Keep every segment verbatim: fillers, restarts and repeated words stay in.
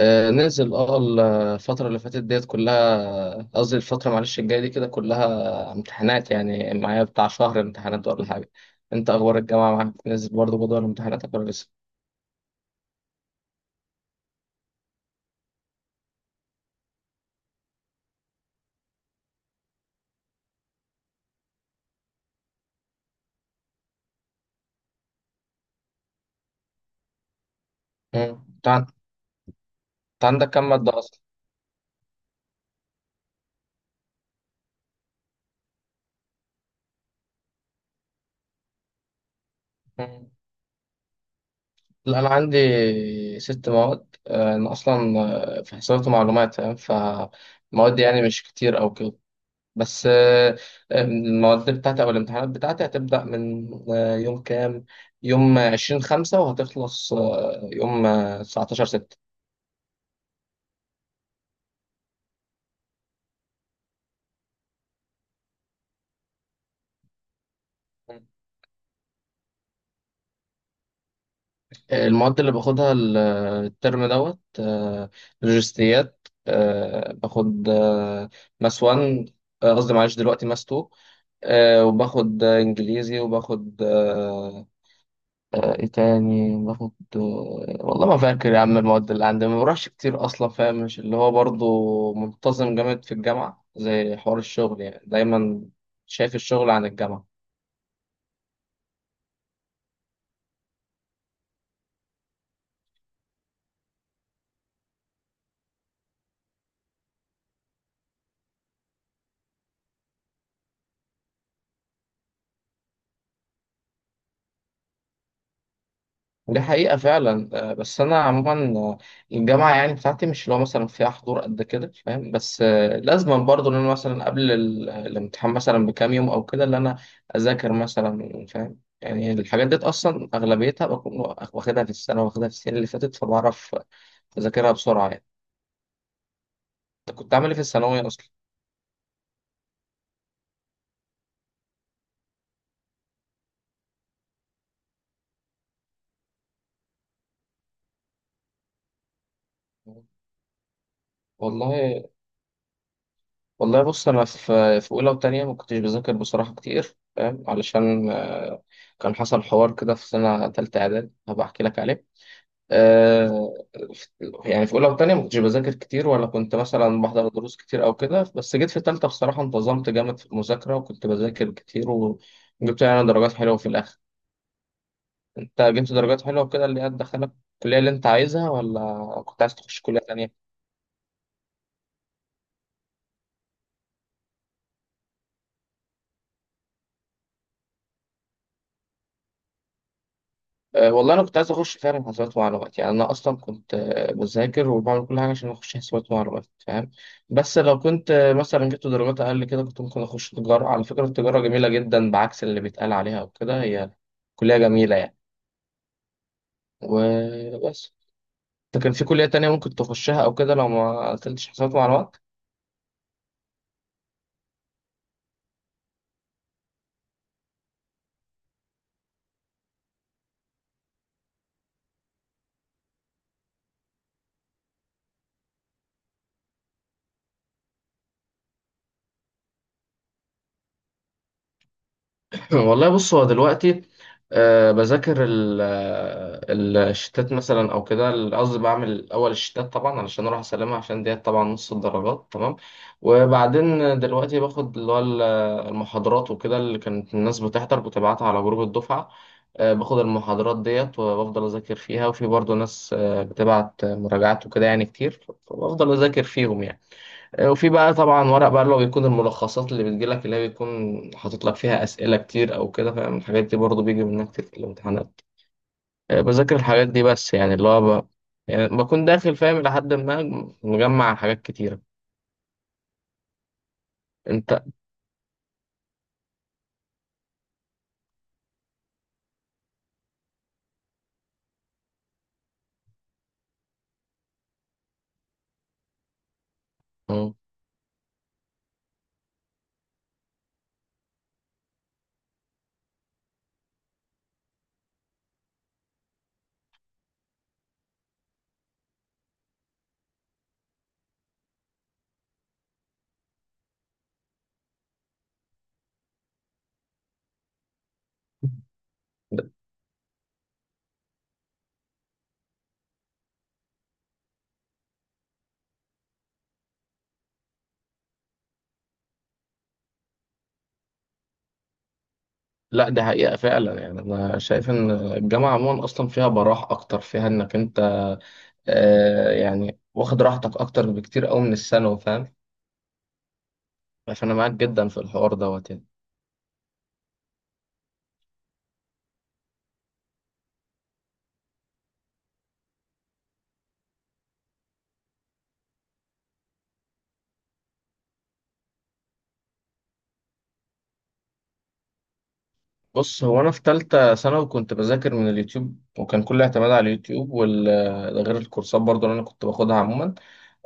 آه، نزل اه. الفترة اللي فاتت ديت كلها قصدي الفترة معلش الجاية دي كده كلها امتحانات يعني معايا بتاع شهر امتحانات ولا حاجة. انت اخبار الجامعة معاك نزل برضه جدول امتحاناتك ولا لسه؟ مم. انت عن- أنت عندك كام مادة اصلا؟ مم. لا، انا عندي ست مواد، آه، انا اصلا آه، في حسابات ومعلومات، فاهم؟ فمواد يعني مش كتير او كده، بس آه، المواد بتاعتي أو الامتحانات بتاعتي هتبدأ من آه، يوم كام؟ يوم عشرين خمسة، وهتخلص آه، يوم تسعة عشر ستة. آه، المواد اللي باخدها ال- آه، الترم دوت، آه، لوجستيات، آه، باخد آه، ماس واحد، آه، قصدي معلش دلوقتي ماس اتنين، آه، وباخد آه، انجليزي، وباخد آه، آه، ايه تاني باخد؟ آه، والله ما فاكر يا عم. المواد اللي عندي ما بروحش كتير اصلا، فاهم؟ مش اللي هو برضو منتظم جامد في الجامعه، زي حوار الشغل يعني، دايما شايف الشغل عن الجامعه. دي حقيقه فعلا، آه، بس انا عموما آه، الجامعه يعني بتاعتي مش اللي هو مثلا فيها حضور قد كده، فاهم؟ بس آه، لازم برضو ان انا مثلا قبل ال- الامتحان مثلا بكام يوم او كده، اللي انا اذاكر مثلا، فاهم؟ يعني الحاجات ديت اصلا اغلبيتها بكون واخدها في السنه، واخدها في السنه اللي فاتت، فبعرف اذاكرها بسرعه يعني. انت كنت عامل ايه في الثانويه اصلا؟ والله والله بص، انا في في اولى وتانية ما كنتش بذاكر بصراحه كتير، فاهم؟ علشان آه، كان حصل حوار كده في سنه تالتة اعدادي، هبقى احكي لك عليه. آه، في- يعني في اولى وتانية ما كنتش بذاكر كتير، ولا كنت مثلا بحضر دروس كتير او كده، بس جيت في تالتة بصراحه انتظمت جامد في المذاكره، وكنت بذاكر كتير، وجبت يعني درجات حلوه في الاخر. انت جبت درجات حلوه وكده اللي هي تدخلك الكليه اللي انت عايزها، ولا كنت عايز تخش كليه تانية؟ أه، والله انا كنت عايز اخش فعلا حسابات ومعلومات. يعني انا اصلا كنت أه، بذاكر وبعمل كل حاجه عشان اخش حسابات ومعلومات، فاهم؟ بس لو كنت أه، مثلا جبت درجات اقل كده، كنت ممكن اخش تجاره. على فكره التجاره جميله جدا بعكس اللي بيتقال عليها وكده، هي كليه جميله يعني، وبس. انت كان في كليه تانية ممكن تخشها او كده لو ما قلتش حسابات ومعلومات؟ والله بص، هو دلوقتي آه بذاكر ال- آه، الشتات مثلا او كده، ال- قصدي بعمل الاول الشتات طبعا علشان اروح اسلمها، عشان ديت طبعا نص الدرجات، تمام؟ وبعدين دلوقتي باخد اللي هو ال- المحاضرات وكده اللي كانت الناس بتحضر بتبعتها على جروب الدفعة. آه باخد المحاضرات ديت وبفضل اذاكر فيها، وفي برضه ناس آه بتبعت مراجعات وكده يعني كتير، فبفضل اذاكر فيهم يعني. آه، وفي بقى طبعا ورق بقى اللي هو بيكون الملخصات اللي بتجيلك، اللي هي بيكون حاطط لك فيها أسئلة كتير أو كده، فاهم؟ الحاجات دي برضه بيجي منها كتير في الامتحانات. آه، بذاكر الحاجات دي، بس يعني اللي هو ب- يعني بكون داخل فاهم لحد ما مجمع حاجات كتيرة. أنت. مم. لا، دي حقيقة فعلا يعني، أنا شايف إن الجامعة عموما أصلا فيها براح أكتر، فيها إنك أنت آه يعني واخد راحتك أكتر بكتير أوي من الثانوي، فاهم؟ فأنا معاك جدا في الحوار دوت يعني. بص هو انا في تالتة ثانوي كنت بذاكر من اليوتيوب، وكان كل اعتماد على اليوتيوب وال، ده غير الكورسات برضو اللي انا كنت باخدها عموما.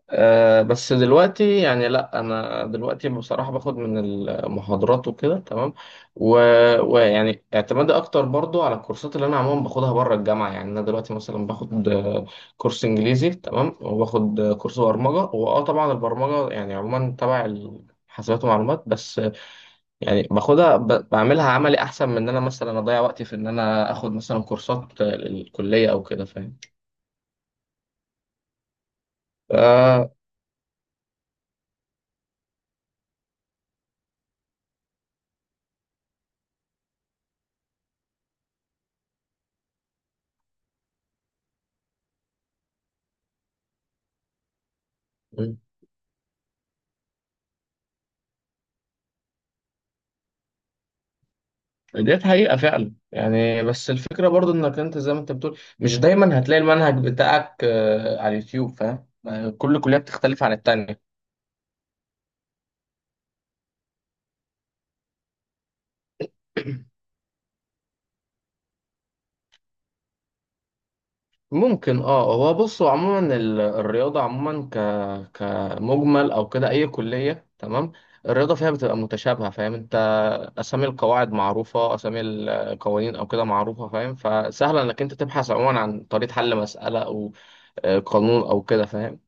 أه بس دلوقتي يعني لا، انا دلوقتي بصراحة باخد من المحاضرات وكده تمام. و- ويعني اعتمادي اكتر برضو على الكورسات اللي انا عموما باخدها بره الجامعة. يعني انا دلوقتي مثلا باخد آه، كورس انجليزي تمام، وباخد آه، كورس برمجة. واه طبعا البرمجة يعني عموما تبع ال- حاسبات ومعلومات، بس يعني باخدها ب- بعملها عملي، احسن من ان انا مثلا اضيع وقتي في ان انا اخد مثلا كورسات الكليه او كده، فاهم؟ ف ديت حقيقه فعلا يعني، بس الفكره برضو انك انت زي ما انت بتقول مش دايما هتلاقي المنهج بتاعك آه، على اليوتيوب، فاهم؟ آه، كل كليه بتختلف عن التانية. ممكن اه، هو بصوا عموما ال- الرياضة عموما ك كمجمل او كده اي كلية، تمام؟ الرياضة فيها بتبقى متشابهة، فاهم انت؟ اسامي القواعد معروفة، اسامي القوانين او كده معروفة، فاهم؟ فسهل انك انت تبحث عموما عن طريقة حل مسألة او آه، قانون او كده، فاهم؟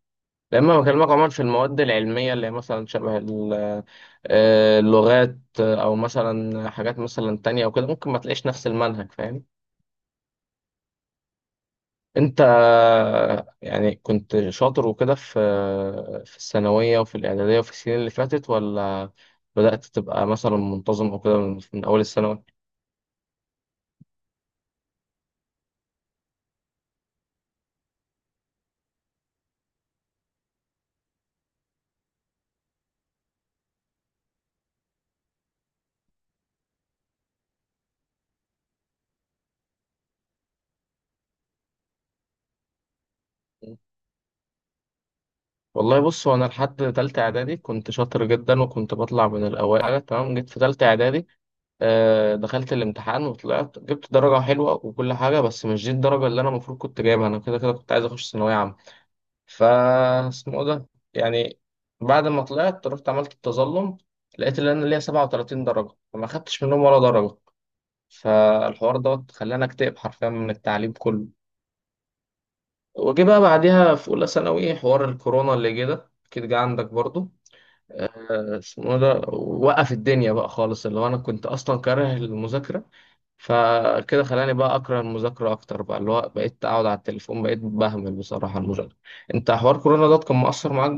لما بكلمك عموما في المواد العلمية اللي هي مثلا شبه ال- آه، اللغات آه، او مثلا حاجات مثلا تانية او كده، ممكن ما تلاقيش نفس المنهج، فاهم؟ انت يعني كنت شاطر وكده في في الثانوية وفي الإعدادية وفي السنين اللي فاتت، ولا بدأت تبقى مثلا منتظم او كده من من أول الثانوي؟ والله بص، هو أنا لحد تالتة إعدادي كنت شاطر جدا، وكنت بطلع من الأوائل تمام. جيت في تالتة إعدادي آه، دخلت الامتحان وطلعت جبت درجة حلوة وكل حاجة، بس مش دي الدرجة اللي أنا المفروض كنت جايبها. أنا كده كده كنت عايز أخش ثانوية عامة. ف اسمه إيه ده، يعني بعد ما طلعت رحت عملت التظلم، لقيت ان انا ليا سبعة وثلاثين درجه، فما خدتش منهم ولا درجه. فالحوار دوت خلاني اكتئب حرفيا من التعليم كله. وجي بقى بعديها في اولى ثانوي حوار الكورونا اللي جه ده، اكيد جه عندك برضو. آه، اسمه إيه ده، وقف الدنيا بقى خالص. اللي هو انا كنت اصلا كاره المذاكره، فكده خلاني بقى اكره المذاكره اكتر بقى. اللي هو بقيت اقعد على التليفون، بقيت بهمل بصراحه المذاكره. انت حوار كورونا ده كان مؤثر معاك؟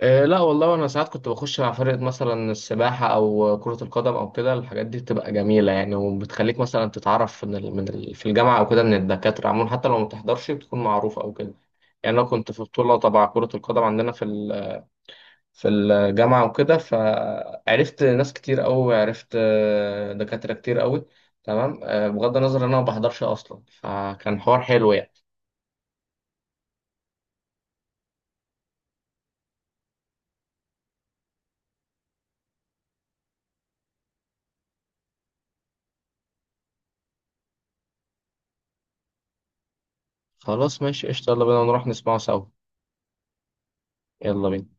آه، لا والله انا ساعات كنت بخش مع فرقة مثلا السباحة او كرة القدم او كده. الحاجات دي بتبقى جميلة يعني، وبتخليك مثلا تتعرف من ال... من ال... في الجامعة او كده، من الدكاترة عموما، حتى لو ما بتحضرش بتكون معروف او كده. يعني انا كنت في بطولة تبع كرة القدم عندنا في ال... في الجامعة وكده، فعرفت ناس كتير قوي، عرفت آه، دكاترة كتير قوي تمام، آه، بغض النظر ان انا ما بحضرش اصلا، فكان حوار حلو يعني. خلاص ماشي قشطة، يلا بينا نروح نسمعه سوا. يلا بينا.